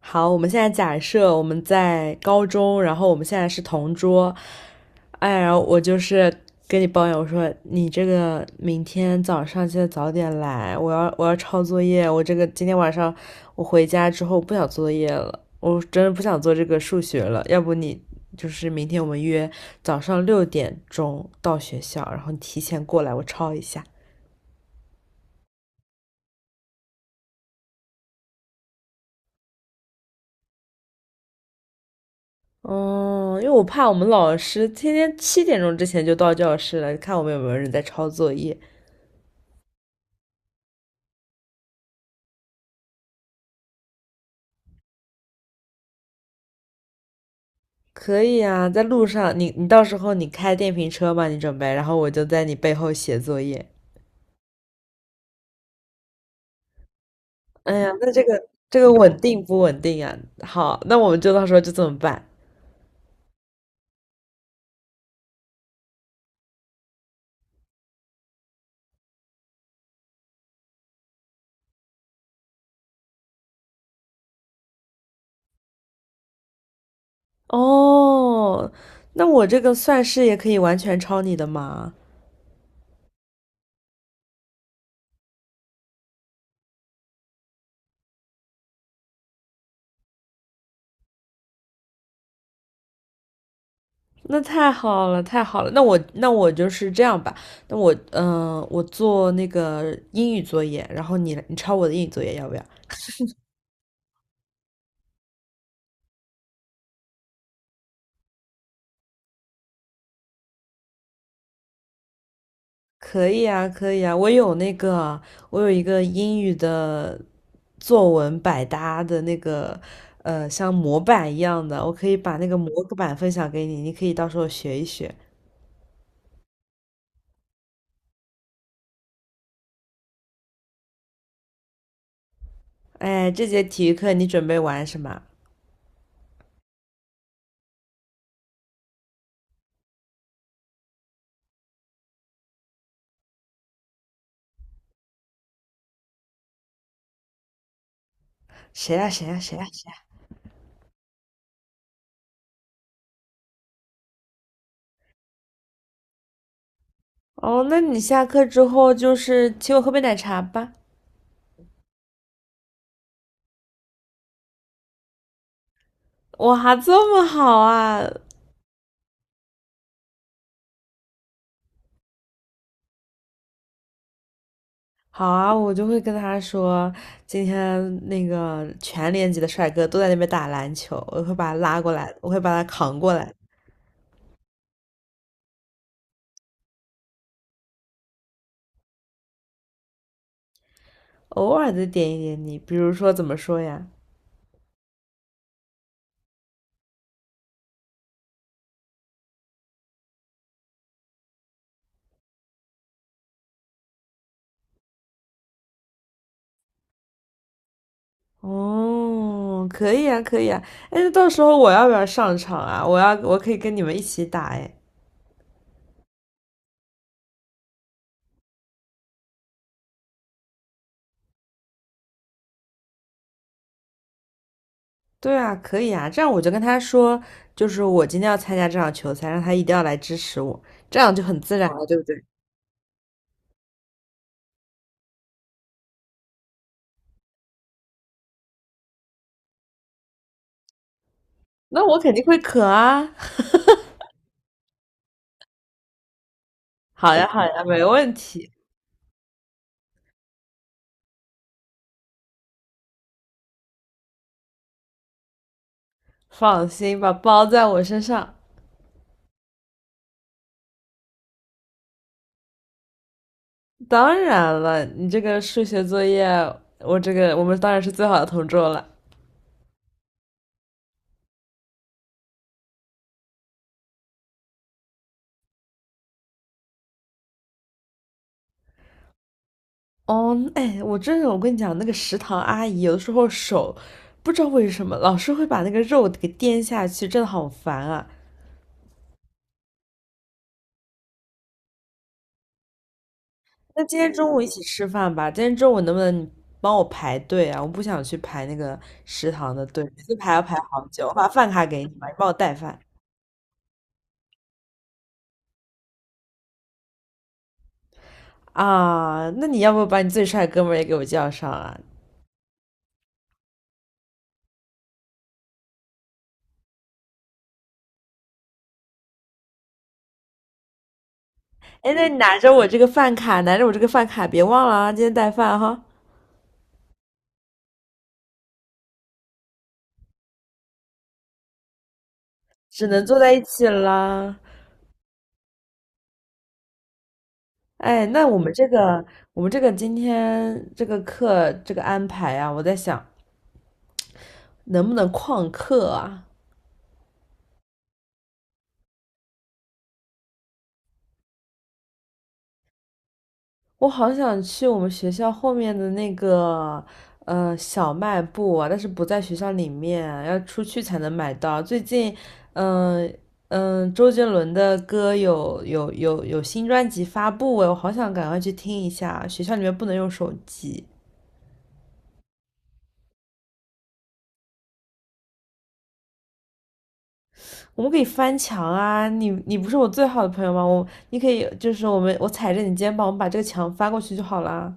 好，我们现在假设我们在高中，然后我们现在是同桌。哎，然后我就是跟你抱怨，我说你这个明天早上记得早点来，我要抄作业，我这个今天晚上我回家之后不想做作业了，我真的不想做这个数学了。要不你就是明天我们约早上六点钟到学校，然后你提前过来我抄一下。哦。嗯，因为我怕我们老师天天七点钟之前就到教室了，看我们有没有人在抄作业。可以啊，在路上，你到时候你开电瓶车吧，你准备，然后我就在你背后写作业。哎呀，那这个稳定不稳定啊？好，那我们就到时候就这么办。哦，那我这个算式也可以完全抄你的吗？那太好了，太好了。那我就是这样吧。那我我做那个英语作业，然后你抄我的英语作业要不要？可以啊，可以啊，我有那个，我有一个英语的作文百搭的那个像模板一样的，我可以把那个模板分享给你，你可以到时候学一学。哎，这节体育课你准备玩什么？谁呀、谁呀、谁呀、谁呀。哦，那你下课之后就是请我喝杯奶茶吧。哇，这么好啊！好啊，我就会跟他说，今天那个全年级的帅哥都在那边打篮球，我会把他拉过来，我会把他扛过来。偶尔的点一点你，比如说怎么说呀？哦，可以啊，可以啊。哎，那到时候我要不要上场啊？我要，我可以跟你们一起打哎。对啊，可以啊。这样我就跟他说，就是我今天要参加这场球赛，让他一定要来支持我，这样就很自然了，对不对？那我肯定会渴啊。好呀，好呀，没问题。放心吧，包在我身上。当然了，你这个数学作业，我这个我们当然是最好的同桌了。哦，哎，我真的，我跟你讲，那个食堂阿姨有的时候手不知道为什么老是会把那个肉给颠下去，真的好烦啊。那今天中午一起吃饭吧，今天中午能不能你帮我排队啊？我不想去排那个食堂的队，每次排要排好久。我把饭卡给你吧，你帮我带饭啊。那你要不把你最帅的哥们儿也给我叫上啊？哎，那你拿着我这个饭卡，拿着我这个饭卡，别忘了啊，今天带饭哈，只能坐在一起啦。哎，那我们这个，我们这个今天这个课这个安排啊，我在想能不能旷课啊？我好想去我们学校后面的那个小卖部啊，但是不在学校里面啊，要出去才能买到。最近，嗯、周杰伦的歌有新专辑发布哎，我好想赶快去听一下啊。学校里面不能用手机。我们可以翻墙啊！你不是我最好的朋友吗？你可以就是我踩着你肩膀，我们把这个墙翻过去就好啦。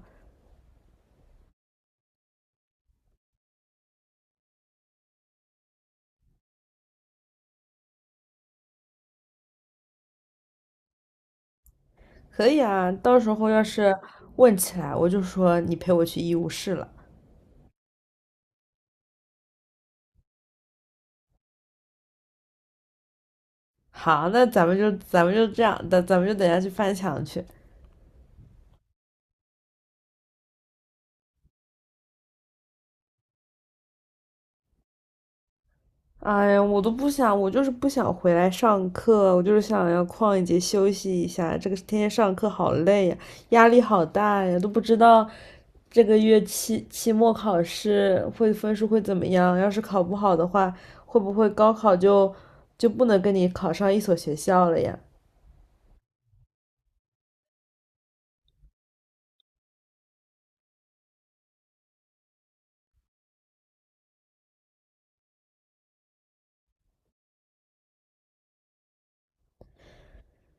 可以啊，到时候要是问起来，我就说你陪我去医务室了。好，那咱们就这样，咱们就等下去翻墙去。哎呀，我都不想，我就是不想回来上课，我就是想要旷一节休息一下。这个天天上课好累呀，压力好大呀，都不知道这个月期末考试会分数会怎么样。要是考不好的话，会不会高考就不能跟你考上一所学校了呀？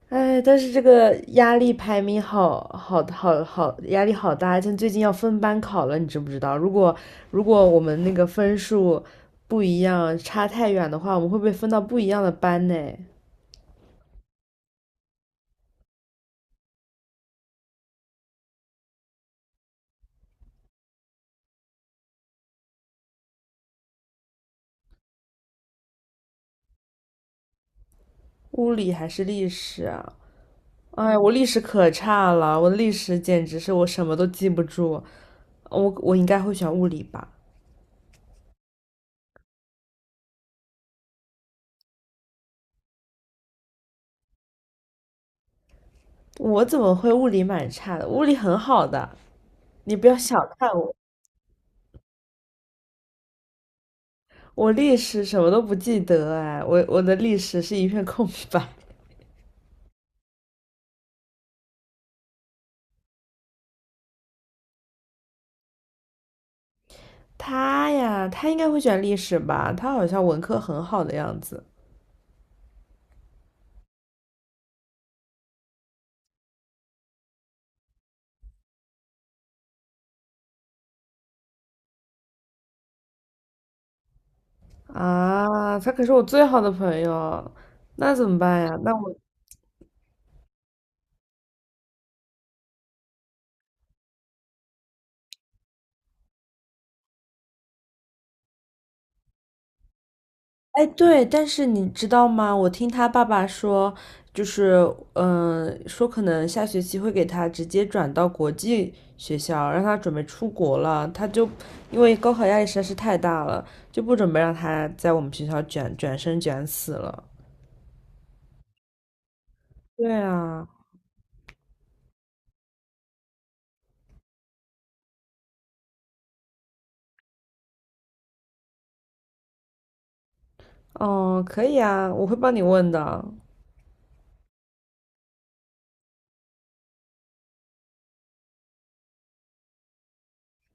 哎，但是这个压力排名好，压力好大，像最近要分班考了，你知不知道？如果我们那个分数不一样，差太远的话，我们会被分到不一样的班呢。物理还是历史啊？哎，我历史可差了，我历史简直是我什么都记不住。我应该会选物理吧？我怎么会物理蛮差的？物理很好的，你不要小看我。我历史什么都不记得哎，我的历史是一片空白。他呀，他应该会选历史吧？他好像文科很好的样子啊，他可是我最好的朋友，那怎么办呀？哎，对，但是你知道吗？我听他爸爸说，就是，说可能下学期会给他直接转到国际学校，让他准备出国了。他就因为高考压力实在是太大了，就不准备让他在我们学校卷生卷死了。对啊，哦，可以啊，我会帮你问的。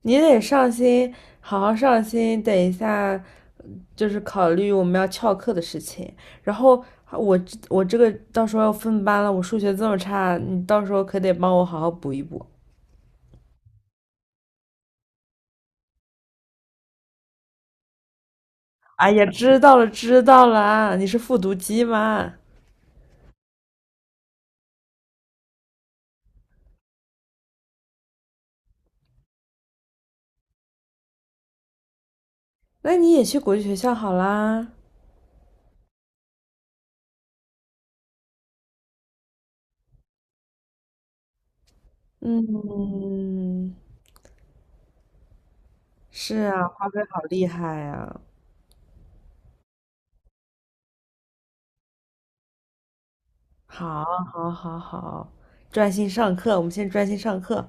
你得上心，好好上心。等一下，就是考虑我们要翘课的事情。然后我我这个到时候要分班了，我数学这么差，你到时候可得帮我好好补一补。哎呀，知道了知道了啊你是复读机嘛？那你也去国际学校好啦。嗯，是啊，花呗好厉害呀、好，好，好，好，专心上课，我们先专心上课。